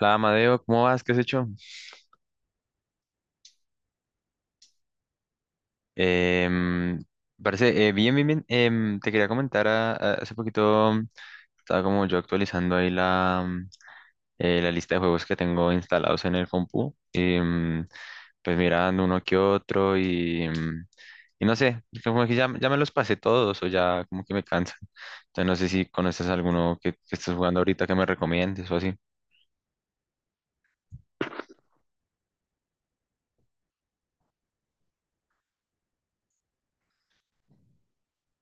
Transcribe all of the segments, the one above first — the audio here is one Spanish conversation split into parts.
Hola, Amadeo, ¿cómo vas? ¿Qué has hecho? Em, parece, bien, bien, bien. Te quería comentar, hace poquito, estaba como yo actualizando ahí la lista de juegos que tengo instalados en el compu. Y, pues mirando uno que otro y no sé, como que ya, ya me los pasé todos o ya como que me cansan. Entonces no sé si conoces alguno que estés jugando ahorita que me recomiendes o así.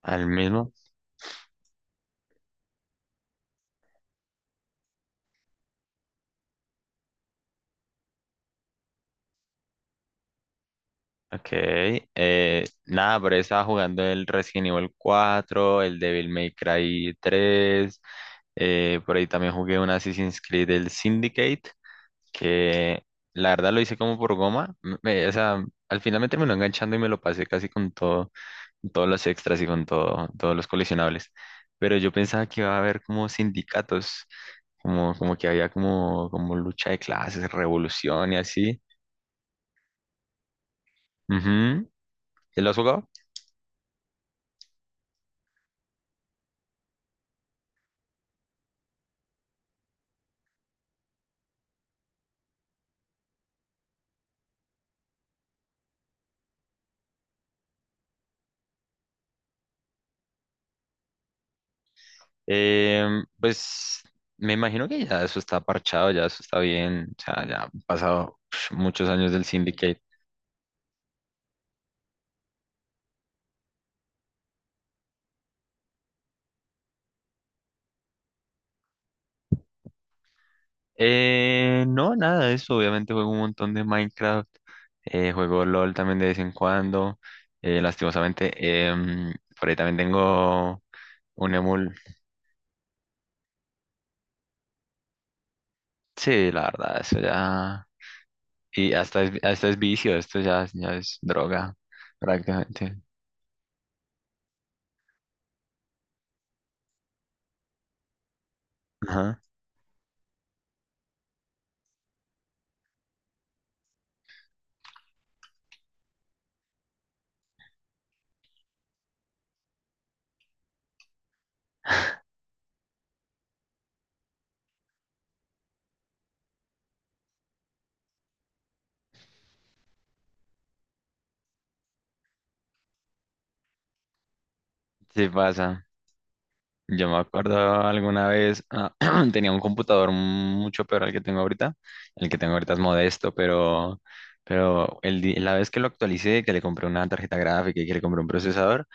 ¿Al mismo? Ok, nada, pero estaba jugando el Resident Evil 4, el Devil May Cry 3, por ahí también jugué un Assassin's Creed, el Syndicate, que la verdad lo hice como por goma, o sea, al final me terminó enganchando y me lo pasé casi con todo, con todos los extras y con todo, todos los coleccionables, pero yo pensaba que iba a haber como sindicatos, como que había como lucha de clases, revolución y así. Ujú. ¿Te lo has jugado? Pues me imagino que ya eso está parchado, ya eso está bien, o sea, ya han pasado muchos años del Syndicate. No, nada de eso, obviamente juego un montón de Minecraft, juego LOL también de vez en cuando, lastimosamente, em, por ahí también tengo un emul, sí, la verdad, eso ya, y hasta es vicio, esto ya, ya es droga, prácticamente. Ajá, sí pasa. Yo me acuerdo alguna vez, tenía un computador mucho peor al que tengo ahorita. El que tengo ahorita es modesto, pero la vez que lo actualicé, que le compré una tarjeta gráfica y que le compré un procesador,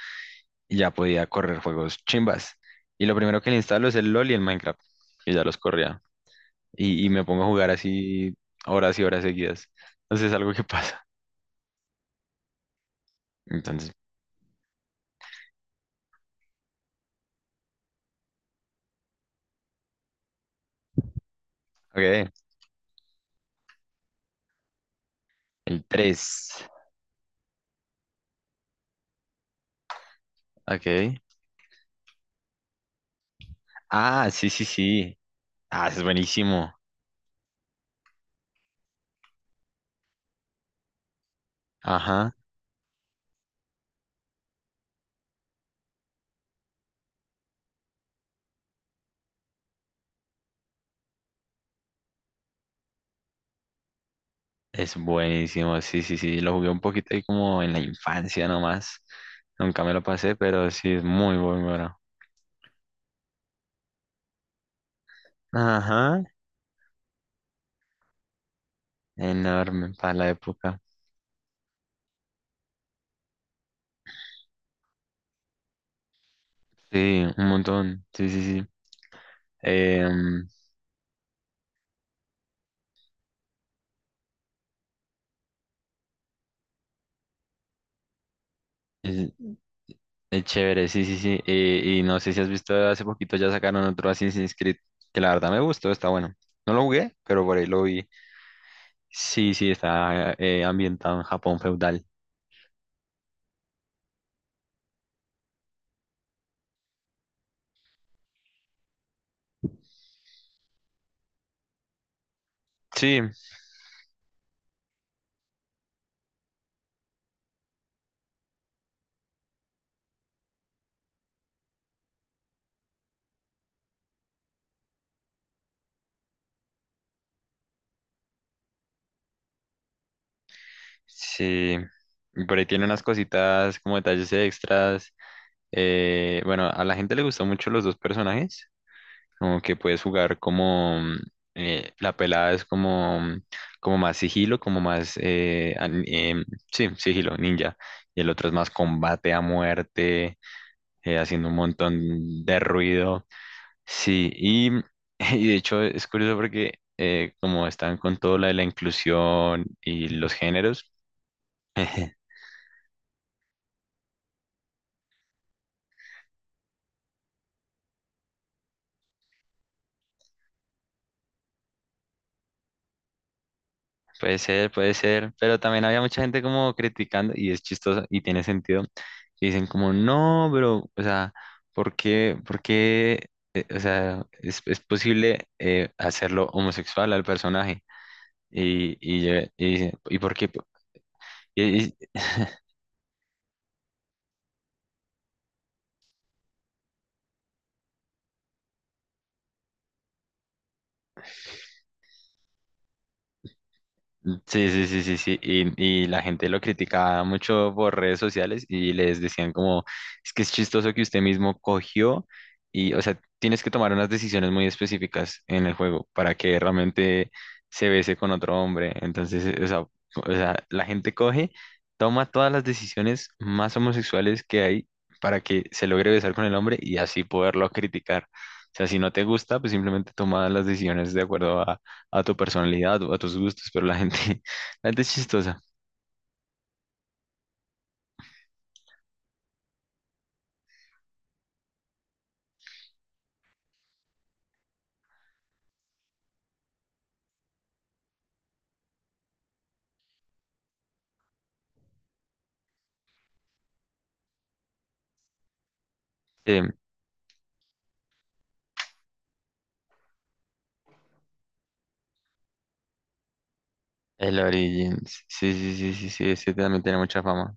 ya podía correr juegos chimbas. Y lo primero que le instalo es el LOL y el Minecraft, que ya los corría. Y me pongo a jugar así horas y horas seguidas. Entonces es algo que pasa. Entonces, ok, el 3. Ok. Ah, sí, sí, sí. Ah, ese es buenísimo. Ajá. Es buenísimo, sí, sí, sí. Lo jugué un poquito ahí como en la infancia nomás. Nunca me lo pasé, pero sí es muy muy bueno. Ajá, enorme para la época. Sí, un montón. Sí, sí, sí. Em, es, es chévere, sí, sí, sí. Y no sé si has visto hace poquito ya sacaron otro Assassin's Creed, que la verdad me gustó, está bueno. No lo jugué, pero por ahí lo vi. Sí, sí, está ambientado en Japón feudal. Sí, sí, y por ahí tiene unas cositas como detalles extras. Bueno, a la gente le gustan mucho los dos personajes, como que puedes jugar como la pelada es como más sigilo, como más, sí, sigilo, ninja, y el otro es más combate a muerte, haciendo un montón de ruido. Sí, y de hecho es curioso porque como están con todo lo de la inclusión y los géneros. Puede ser, pero también había mucha gente como criticando, y es chistoso y tiene sentido, que dicen como, no, pero, o sea, por qué, o sea, es posible hacerlo homosexual al personaje? Y, dice, ¿y por qué? Y, y- Sí, sí, sí, sí, sí. Y la gente lo criticaba mucho por redes sociales y les decían como, es que es chistoso que usted mismo cogió y, o sea, tienes que tomar unas decisiones muy específicas en el juego para que realmente se bese con otro hombre. Entonces, o sea, la gente coge, toma todas las decisiones más homosexuales que hay para que se logre besar con el hombre y así poderlo criticar. O sea, si no te gusta, pues simplemente toma las decisiones de acuerdo a tu personalidad o a tus gustos, pero la gente, la gente es chistosa. Eh, el Origins, sí, sí, sí, sí, sí, ese también tiene mucha fama.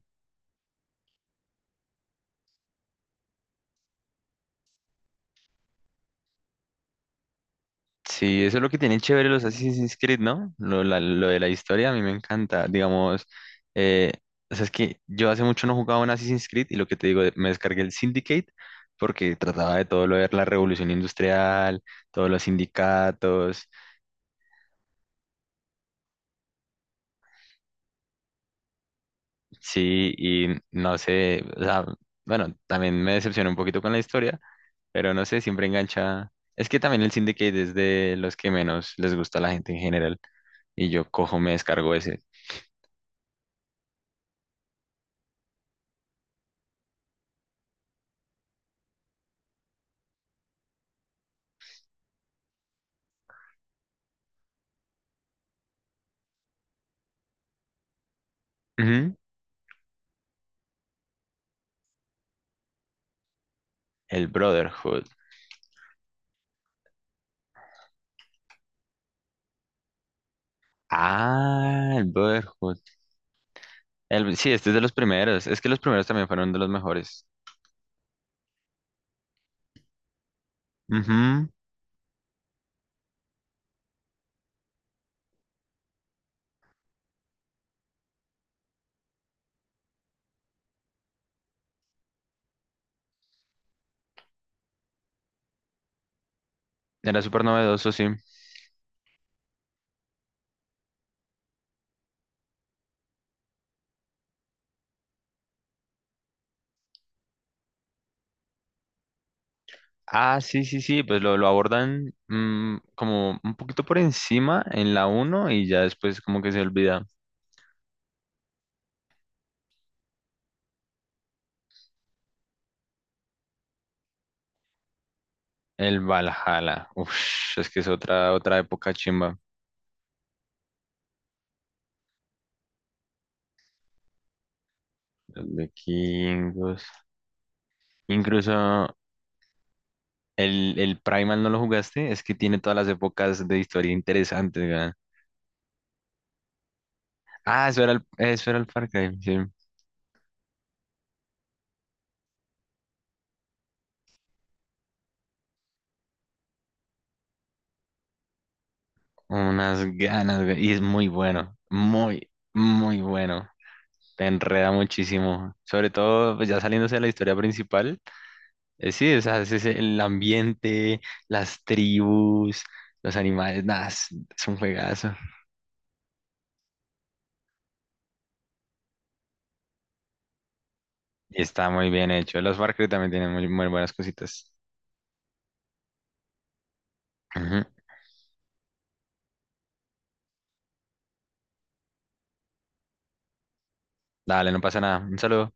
Sí, eso es lo que tienen chévere los Assassin's Creed, ¿no? Lo de la historia a mí me encanta, digamos, eh, o sea, es que yo hace mucho no jugaba un Assassin's Creed y lo que te digo, me descargué el Syndicate porque trataba de todo lo de la revolución industrial, todos los sindicatos, sí, y no sé, o sea, bueno, también me decepcionó un poquito con la historia. Pero no sé, siempre engancha. Es que también el Syndicate es de los que menos les gusta a la gente en general. Y yo cojo, me descargo ese. Ujú. El Brotherhood. Ah, el Brotherhood. Sí, este es de los primeros. Es que los primeros también fueron de los mejores. Ujú. Era súper novedoso, sí. Ah, sí, sí, sí. Pues lo abordan como un poquito por encima en la uno y ya después como que se olvida. El Valhalla. Uf, es que es otra época chimba. Los vikingos. Incluso el Primal no lo jugaste, es que tiene todas las épocas de historia interesantes, weón. Ah, eso era el Far Cry, sí. Unas ganas, weón. Y es muy bueno, muy, muy bueno. Te enreda muchísimo. Sobre todo, pues, ya saliéndose de la historia principal. Sí, o sea, el ambiente, las tribus, los animales, nada, es un juegazo. Y está muy bien hecho. Los Far Cry también tienen muy, muy buenas cositas. Ujú. Dale, no pasa nada. Un saludo.